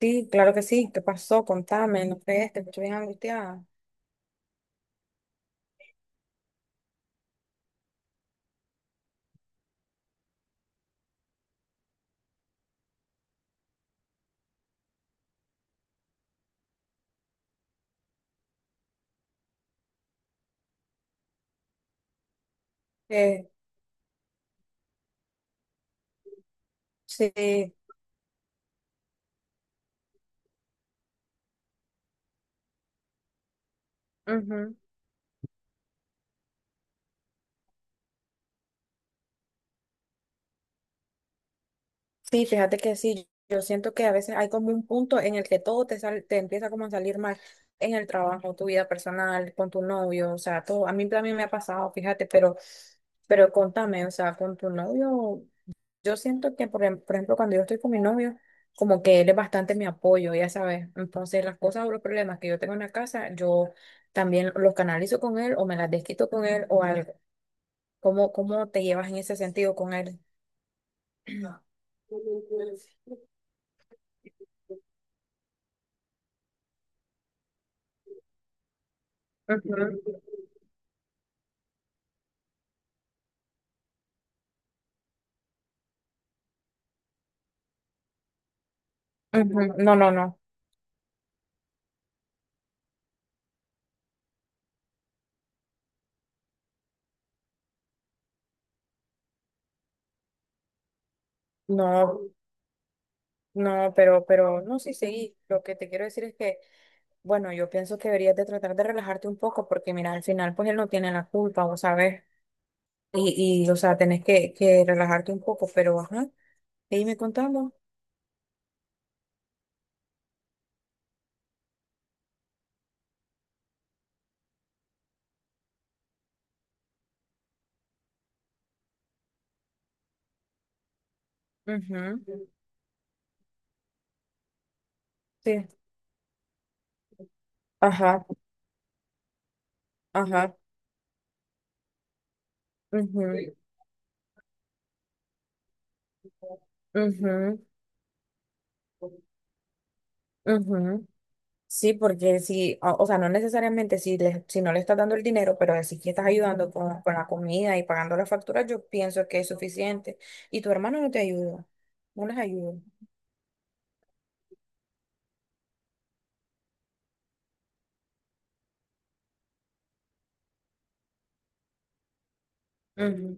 Sí, claro que sí. ¿Qué pasó? Contame, no crees, te escucho bien angustiada. Eh, sí, ujú. Sí, fíjate que sí, yo siento que a veces hay como un punto en el que todo te empieza como a salir mal en el trabajo, tu vida personal, con tu novio, o sea, todo. A mí también me ha pasado, fíjate, pero contame, o sea, con tu novio. Yo siento que, por ejemplo, cuando yo estoy con mi novio, como que él es bastante mi apoyo, ya sabes. Entonces, las cosas o los problemas que yo tengo en la casa, yo también los canalizo con él o me las desquito con él o algo. ¿Cómo, cómo te llevas en ese sentido con él? Ujú, ujú. No, no, no, no, no, no, sí, sí, lo que te quiero decir es que, bueno, yo pienso que deberías de tratar de relajarte un poco porque, mira, al final, pues él no tiene la culpa, vos sabés, o sea, tenés que relajarte un poco, pero, ajá, E me contando. Ujú. Sí. Ajá, ajá. Ujú, ujú, ujú. Sí, porque si, o sea, no necesariamente si, si no le estás dando el dinero, pero si que estás ayudando con la comida y pagando las facturas, yo pienso que es suficiente. Y tu hermano no te ayuda, no les ayuda. Ujú,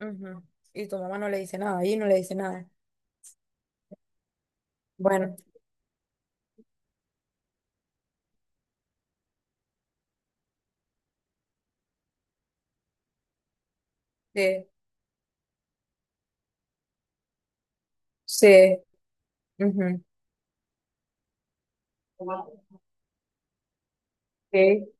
ujú. Y tu mamá no le dice nada, y no le dice nada. Bueno, sí, sí, ujú, sí.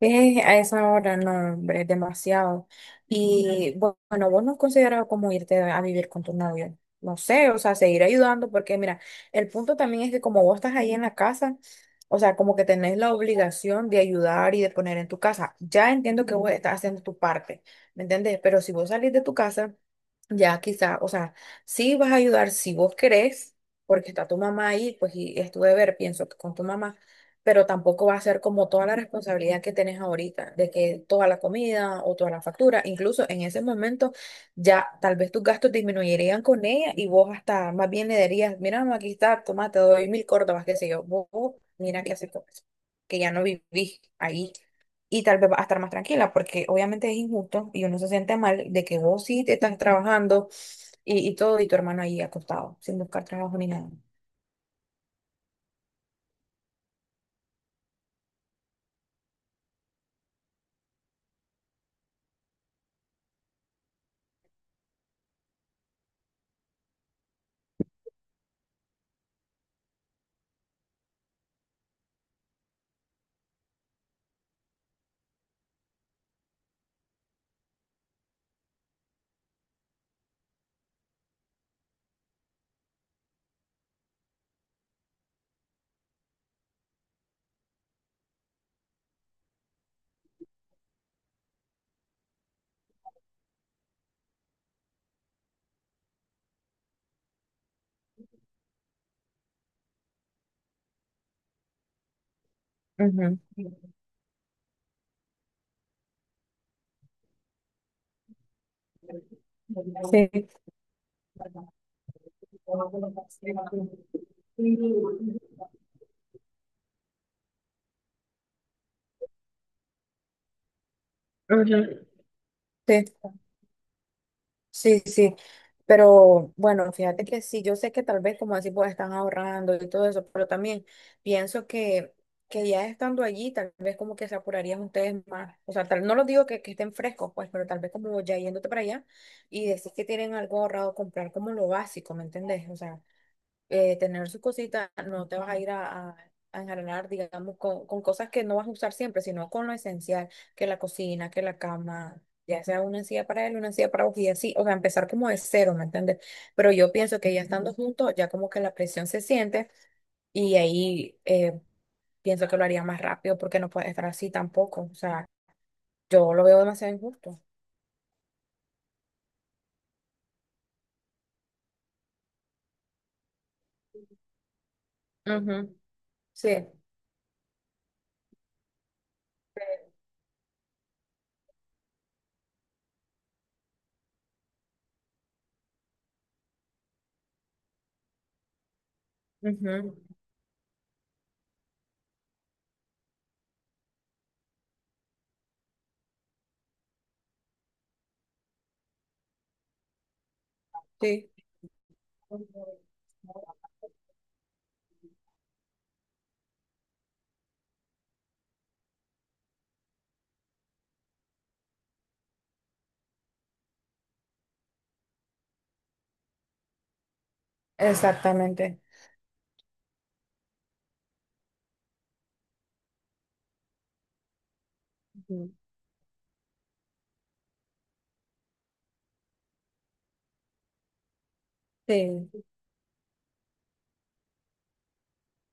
Es a esa hora, no, hombre, es demasiado. Y bueno, vos no has considerado como irte a vivir con tu novio. No sé, o sea, seguir ayudando, porque mira, el punto también es que como vos estás ahí en la casa, o sea, como que tenés la obligación de ayudar y de poner en tu casa. Ya entiendo que vos estás haciendo tu parte, ¿me entendés? Pero si vos salís de tu casa ya quizá, o sea, sí vas a ayudar si vos querés, porque está tu mamá ahí, pues y es tu deber, pienso que con tu mamá, pero tampoco va a ser como toda la responsabilidad que tenés ahorita, de que toda la comida o toda la factura, incluso en ese momento ya tal vez tus gastos disminuirían con ella y vos hasta más bien le dirías, mira, mamá, aquí está, toma, te doy 1.000 córdobas, qué sé yo, mira qué haces con eso, que ya no vivís ahí y tal vez va a estar más tranquila, porque obviamente es injusto y uno se siente mal de que vos sí te estás trabajando y todo, y tu hermano ahí acostado, sin buscar trabajo ni nada. Ujú. Sí, sí, sí, sí. Pero bueno, fíjate que sí, yo sé que tal vez como así pues están ahorrando y todo eso, pero también pienso que ya estando allí, tal vez como que se apurarían ustedes más. O sea, tal, no los digo que estén frescos, pues, pero tal vez como ya yéndote para allá y decir que tienen algo ahorrado, comprar como lo básico, ¿me entendés? O sea, tener sus cositas, no te vas a a enjarelar, digamos, con cosas que no vas a usar siempre, sino con lo esencial, que la cocina, que la cama, ya sea una encía para él, una encía para vos y así, o sea, empezar como de cero, ¿me entiendes? Pero yo pienso que ya estando juntos, ya como que la presión se siente y ahí pienso que lo haría más rápido porque no puede estar así tampoco, o sea, yo lo veo demasiado injusto. Ujú. Sí, ujú, sí, exactamente. Ujú. Sí.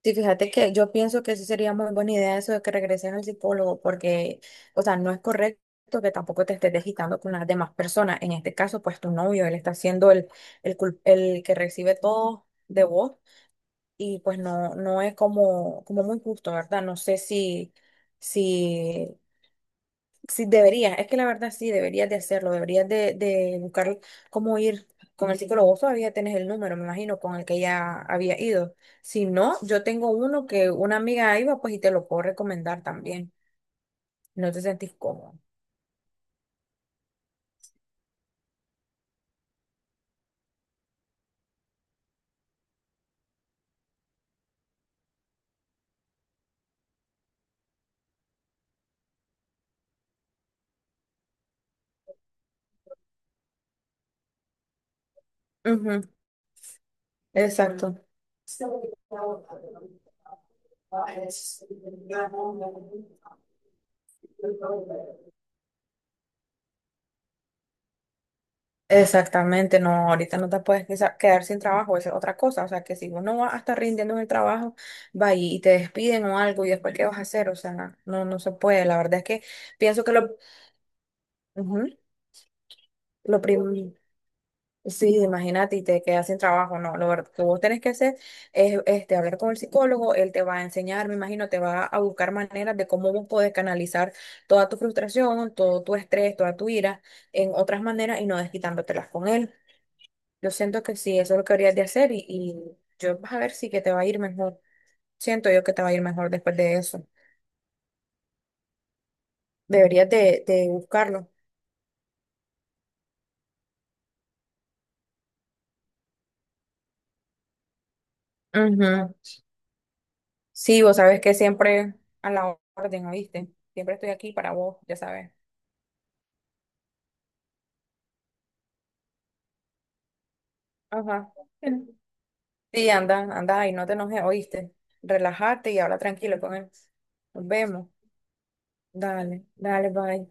Sí, fíjate que yo pienso que sí sería muy buena idea eso de que regreses al psicólogo, porque, o sea, no es correcto que tampoco te estés desquitando con las demás personas. En este caso, pues tu novio, él está siendo el que recibe todo de vos y pues no, no es como, como muy justo, ¿verdad? No sé si, si sí, deberías, es que la verdad sí, deberías de hacerlo, deberías de buscar cómo ir con el psicólogo. Vos todavía tenés el número, me imagino, con el que ya había ido. Si no, yo tengo uno que una amiga iba, pues y te lo puedo recomendar también. No te sentís cómodo. Ujú, exacto, exactamente, no, ahorita no te puedes quedar sin trabajo, esa es otra cosa. O sea, que si vos no vas a estar rindiendo en el trabajo, va y te despiden o algo, y después, ¿qué vas a hacer? O sea, no, no se puede. La verdad es que pienso que lo... ujú, lo primero. Sí, imagínate y te quedas sin trabajo, no, que vos tenés que hacer es este, hablar con el psicólogo, él te va a enseñar, me imagino, te va a buscar maneras de cómo vos podés canalizar toda tu frustración, todo tu estrés, toda tu ira en otras maneras y no desquitándotelas con él. Yo siento que sí, eso es lo que deberías de hacer y yo vas a ver si que te va a ir mejor. Siento yo que te va a ir mejor después de eso. Deberías de buscarlo. Ujú. Sí, vos sabes que siempre a la orden, ¿oíste? Siempre estoy aquí para vos, ya sabes. Ajá. Sí, anda, anda ahí, no te enojes, oíste. Relájate y habla tranquilo con él. Nos vemos. Dale, dale, bye.